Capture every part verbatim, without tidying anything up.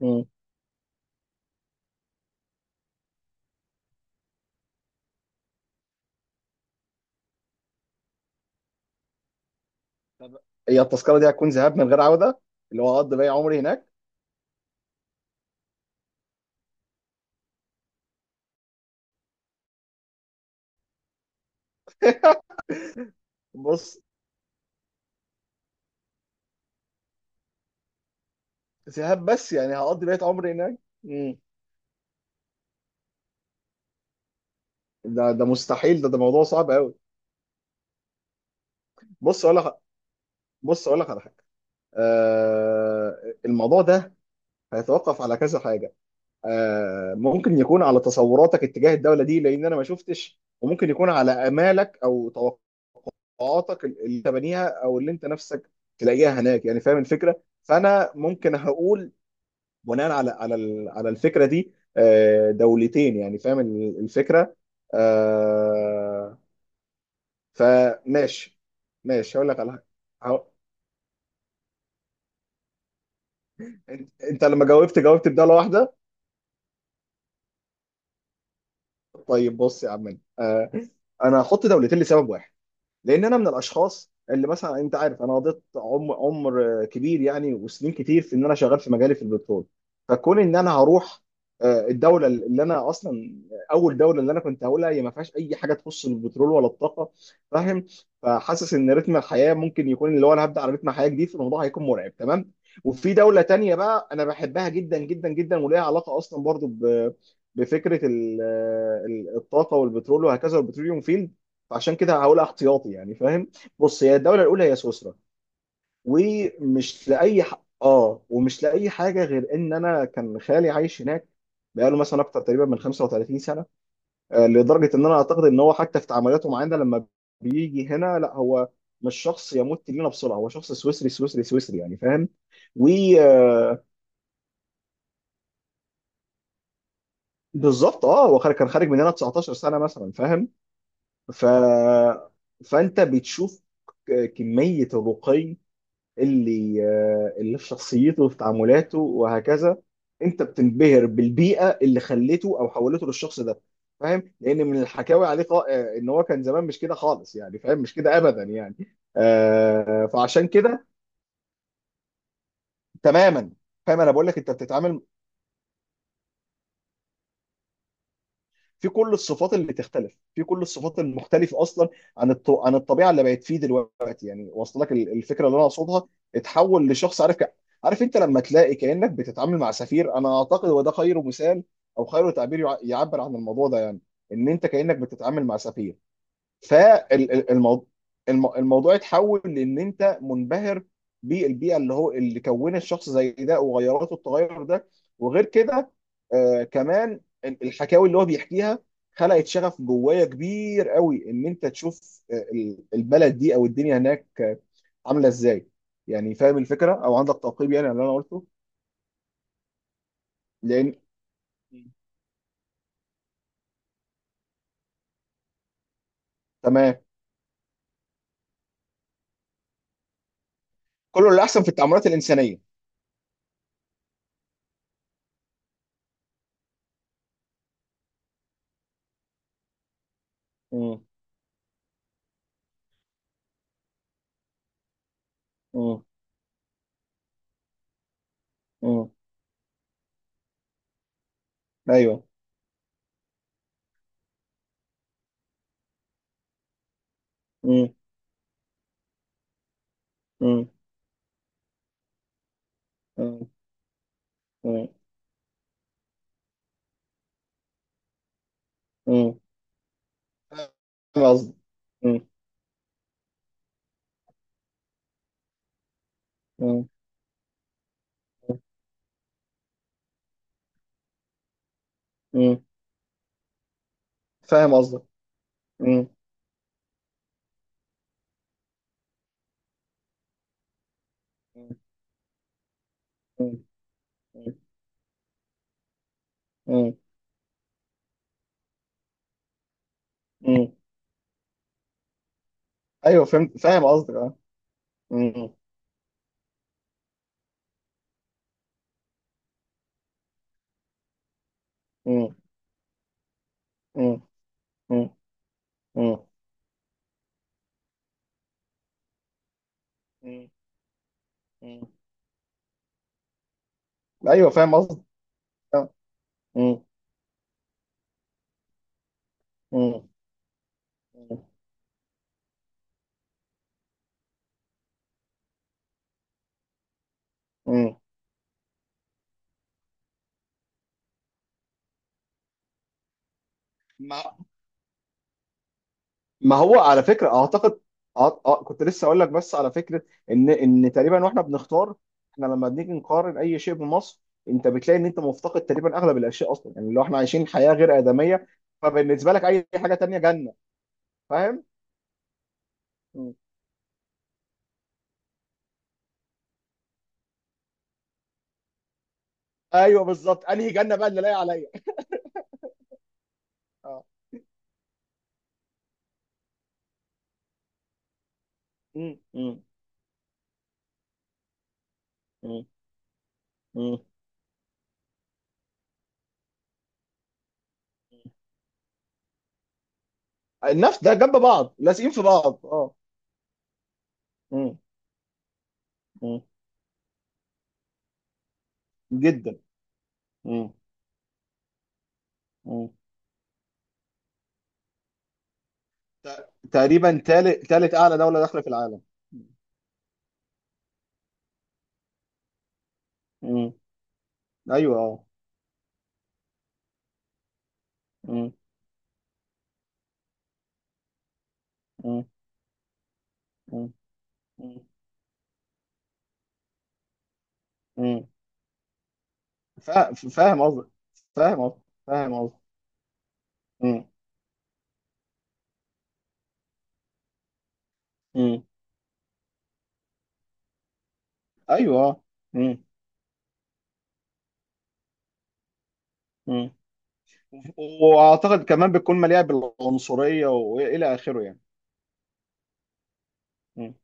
مم. طب هي التذكره دي هتكون ذهاب من غير عوده، اللي هو هقضي باقي عمري هناك؟ بص، ذهاب بس يعني هقضي بقية عمري هناك. مم. ده ده مستحيل، ده ده موضوع صعب قوي. بص اقول لك بص اقول لك على حاجه. آه الموضوع ده هيتوقف على كذا حاجه. آه ممكن يكون على تصوراتك اتجاه الدوله دي، لان انا ما شفتش، وممكن يكون على امالك او توقعاتك اللي تبنيها او اللي انت نفسك تلاقيها هناك، يعني فاهم الفكره؟ فانا ممكن هقول بناء على على ال- على الفكره دي آه، دولتين، يعني فاهم ال- الفكره آه، فماشي. ماشي هقول لك على حاجه. هقول- انت أنت لما جاوبت جاوبت بدالة واحده. طيب بص يا عم، آه، انا هحط دولتين لسبب واحد. لان انا من الاشخاص اللي مثلا انت عارف انا قضيت عمر عمر كبير، يعني وسنين كتير في ان انا شغال في مجالي في البترول. فكون ان انا هروح، آه، الدوله اللي انا اصلا اول دوله اللي انا كنت هقولها هي ما فيهاش اي حاجه تخص البترول ولا الطاقه، فاهم. فحاسس ان رتم الحياه ممكن يكون اللي هو انا هبدا على رتم حياه جديد، فالموضوع هيكون مرعب تمام. وفي دوله تانية بقى انا بحبها جدا جدا جدا، وليها علاقه اصلا برضو ب بفكره ال- ال- الطاقه والبترول وهكذا والبتروليوم فيلد، فعشان كده هقولها احتياطي، يعني فاهم. بص، هي الدوله الاولى هي سويسرا، ومش لاي ح... اه ومش لاي حاجه غير ان انا كان خالي عايش هناك، بقاله مثلا اكتر تقريبا من خمسة وتلاتين سنه. آه، لدرجه ان انا اعتقد ان هو حتى في تعاملاته معانا لما بيجي هنا، لا هو مش شخص يموت لينا بسرعه، هو شخص سويسري سويسري سويسري يعني فاهم. و آه، بالظبط، اه هو خارج- كان خارج مننا تسعتاشر سنه مثلا، فاهم. ف فانت بتشوف كميه الرقي اللي آه، اللي في شخصيته وفي تعاملاته وهكذا. انت بتنبهر بالبيئه اللي خليته او حولته للشخص ده. فاهم، لان من الحكاوي عليه قا- آه، ان هو كان زمان مش كده خالص، يعني فاهم مش كده ابدا يعني، آه، فعشان كده. تماما. فاهم، انا بقول لك انت بتتعامل في كل الصفات اللي تختلف، في كل الصفات المختلفه اصلا عن الط... عن الطبيعه اللي بقت فيه دلوقتي، يعني واصله لك ال- الفكره اللي انا اقصدها. اتحول لشخص عارف ك... عارف، انت لما تلاقي كانك بتتعامل مع سفير، انا اعتقد وده خير مثال او خير تعبير يع- يعبر عن الموضوع ده، يعني ان انت كانك بتتعامل مع سفير. فالموضوع اتحول لان انت منبهر بالبيئه اللي هو اللي كون الشخص زي ده وغيراته التغير ده. وغير كده، آه كمان ال- الحكاوي اللي هو بيحكيها خلقت شغف جوايا كبير قوي، ان انت تشوف آه، ال- البلد دي او الدنيا هناك آه، عامله ازاي، يعني فاهم الفكره او عندك تعقيب يعني على اللي انا قلته؟ لان. مم. تمام. كله اللي احسن في التعاملات الانسانيه. امم. امم. امم. ايوه. امم. امم. مم. فاهم قصدك. مم. مم. مم. فاهم قصدك. مم. مم. مم. مم. مم. ايوه فهمت، فاهم قصدك، اه. مم. مم. مم. مم. مم. مم. ايوه، فاهم قصدك. آه. مم. مم. مم. مم. ما هو على فكره اعتقد. أه أه كنت لسه اقول لك، بس على فكره ان ان تقريبا، واحنا بنختار، احنا لما بنيجي نقارن اي شيء بمصر، انت بتلاقي ان انت مفتقد تقريبا اغلب الاشياء، اصلا يعني لو احنا عايشين حياه غير ادميه، فبالنسبه لك اي حاجه تانية جنه، فاهم؟ م. ايوه بالظبط، انهي جنه بقى اللي لاقي عليا. اه. م- م- م- م. النفس ده جنب بعض لازقين في بعض، اه. م- م. جدا. م- م. ت- تقريبا تالت تالت اعلى دوله داخله في العالم. م. ايوه اه. مم. مم. مم. مم. مم. فا- فاهم قصدك، فاهم قصدك، فاهم قصدك. مم. مم. ايوه اه. مم. مم. واعتقد كمان بتكون مليئه بالعنصريه والى اخره يعني. مم.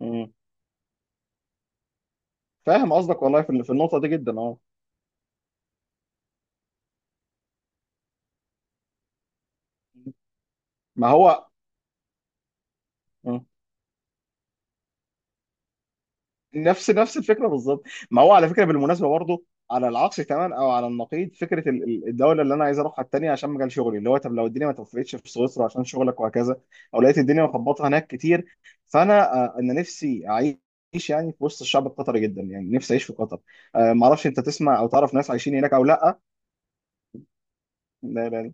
مم. فاهم قصدك، والله في في النقطه دي جدا، اه. ما هو نفس نفس الفكره بالظبط. ما هو على فكره بالمناسبه برضه، على العكس تماما او على النقيض، فكره ال- ال- الدوله اللي انا عايز اروحها التانيه عشان مجال شغلي، اللي هو طب لو الدنيا ما توفقتش في سويسرا عشان شغلك وهكذا، او لقيت الدنيا مخبطه هناك كتير، فانا آه، انا نفسي اعيش يعني في وسط الشعب القطري، جدا يعني نفسي اعيش في قطر. آه، ما اعرفش انت تسمع او تعرف ناس عايشين هناك او لا.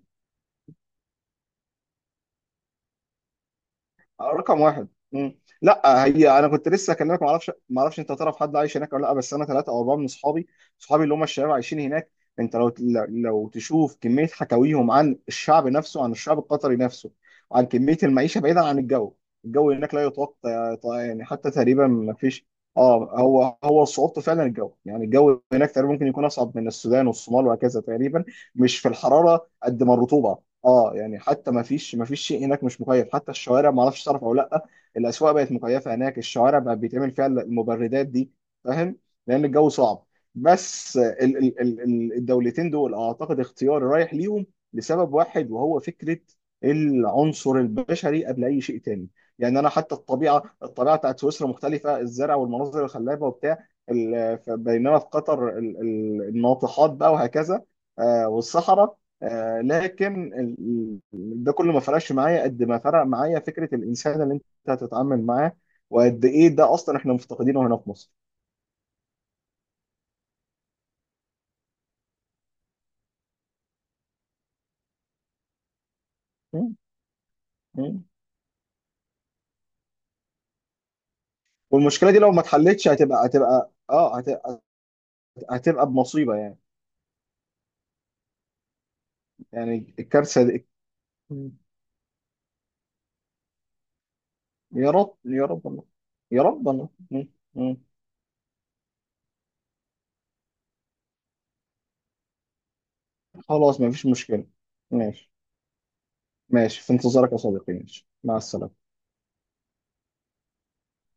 رقم واحد. مم. لا، هي انا كنت لسه اكلمك، ما اعرفش ما اعرفش انت تعرف حد عايش هناك ولا لا، بس انا ثلاثه او اربعه من اصحابي، اصحابي اللي هم الشباب عايشين هناك. انت لو لو تشوف كميه حكاويهم عن الشعب نفسه، عن الشعب القطري نفسه، عن كميه المعيشه بعيدا عن الجو، الجو هناك لا يطاق. يعني حتى تقريبا ما فيش. اه هو هو صعوبته فعلا الجو، يعني الجو هناك تقريبا ممكن يكون اصعب من السودان والصومال وهكذا تقريبا، مش في الحراره قد ما الرطوبه. اه يعني حتى ما فيش ما فيش شيء هناك مش مكيف، حتى الشوارع، ما اعرفش تعرف او لا. الاسواق بقت مكيفه هناك، الشوارع بقى بيتعمل فيها المبردات دي، فاهم. لان الجو صعب. بس ال ال ال ال- الدولتين دول اعتقد اختياري رايح ليهم، لسبب واحد وهو فكره العنصر البشري قبل اي شيء تاني. يعني انا حتى الطبيعه الطبيعه بتاعت سويسرا مختلفه، الزرع والمناظر الخلابه وبتاع ال- ف- بينما في قطر ال- ال- الناطحات بقى وهكذا. آه، والصحراء، آه، لكن ال- ال- ده كله ما فرقش معايا قد ما فرق معايا فكره الانسان اللي انت هتتعامل معاه، وقد ايه ده اصلا احنا مفتقدينه هنا في مصر. م- م. والمشكله دي لو ما اتحلتش، هتبقى هتبقى اه هت- هت- هتبقى بمصيبه يعني. يعني الكارثه دي. م. يا رب، يا رب، الله. يا رب، الله. م- م. خلاص، ما فيش مشكله. ماشي. ماشي، في انتظارك يا صديقي، ماشي، مع السلامه.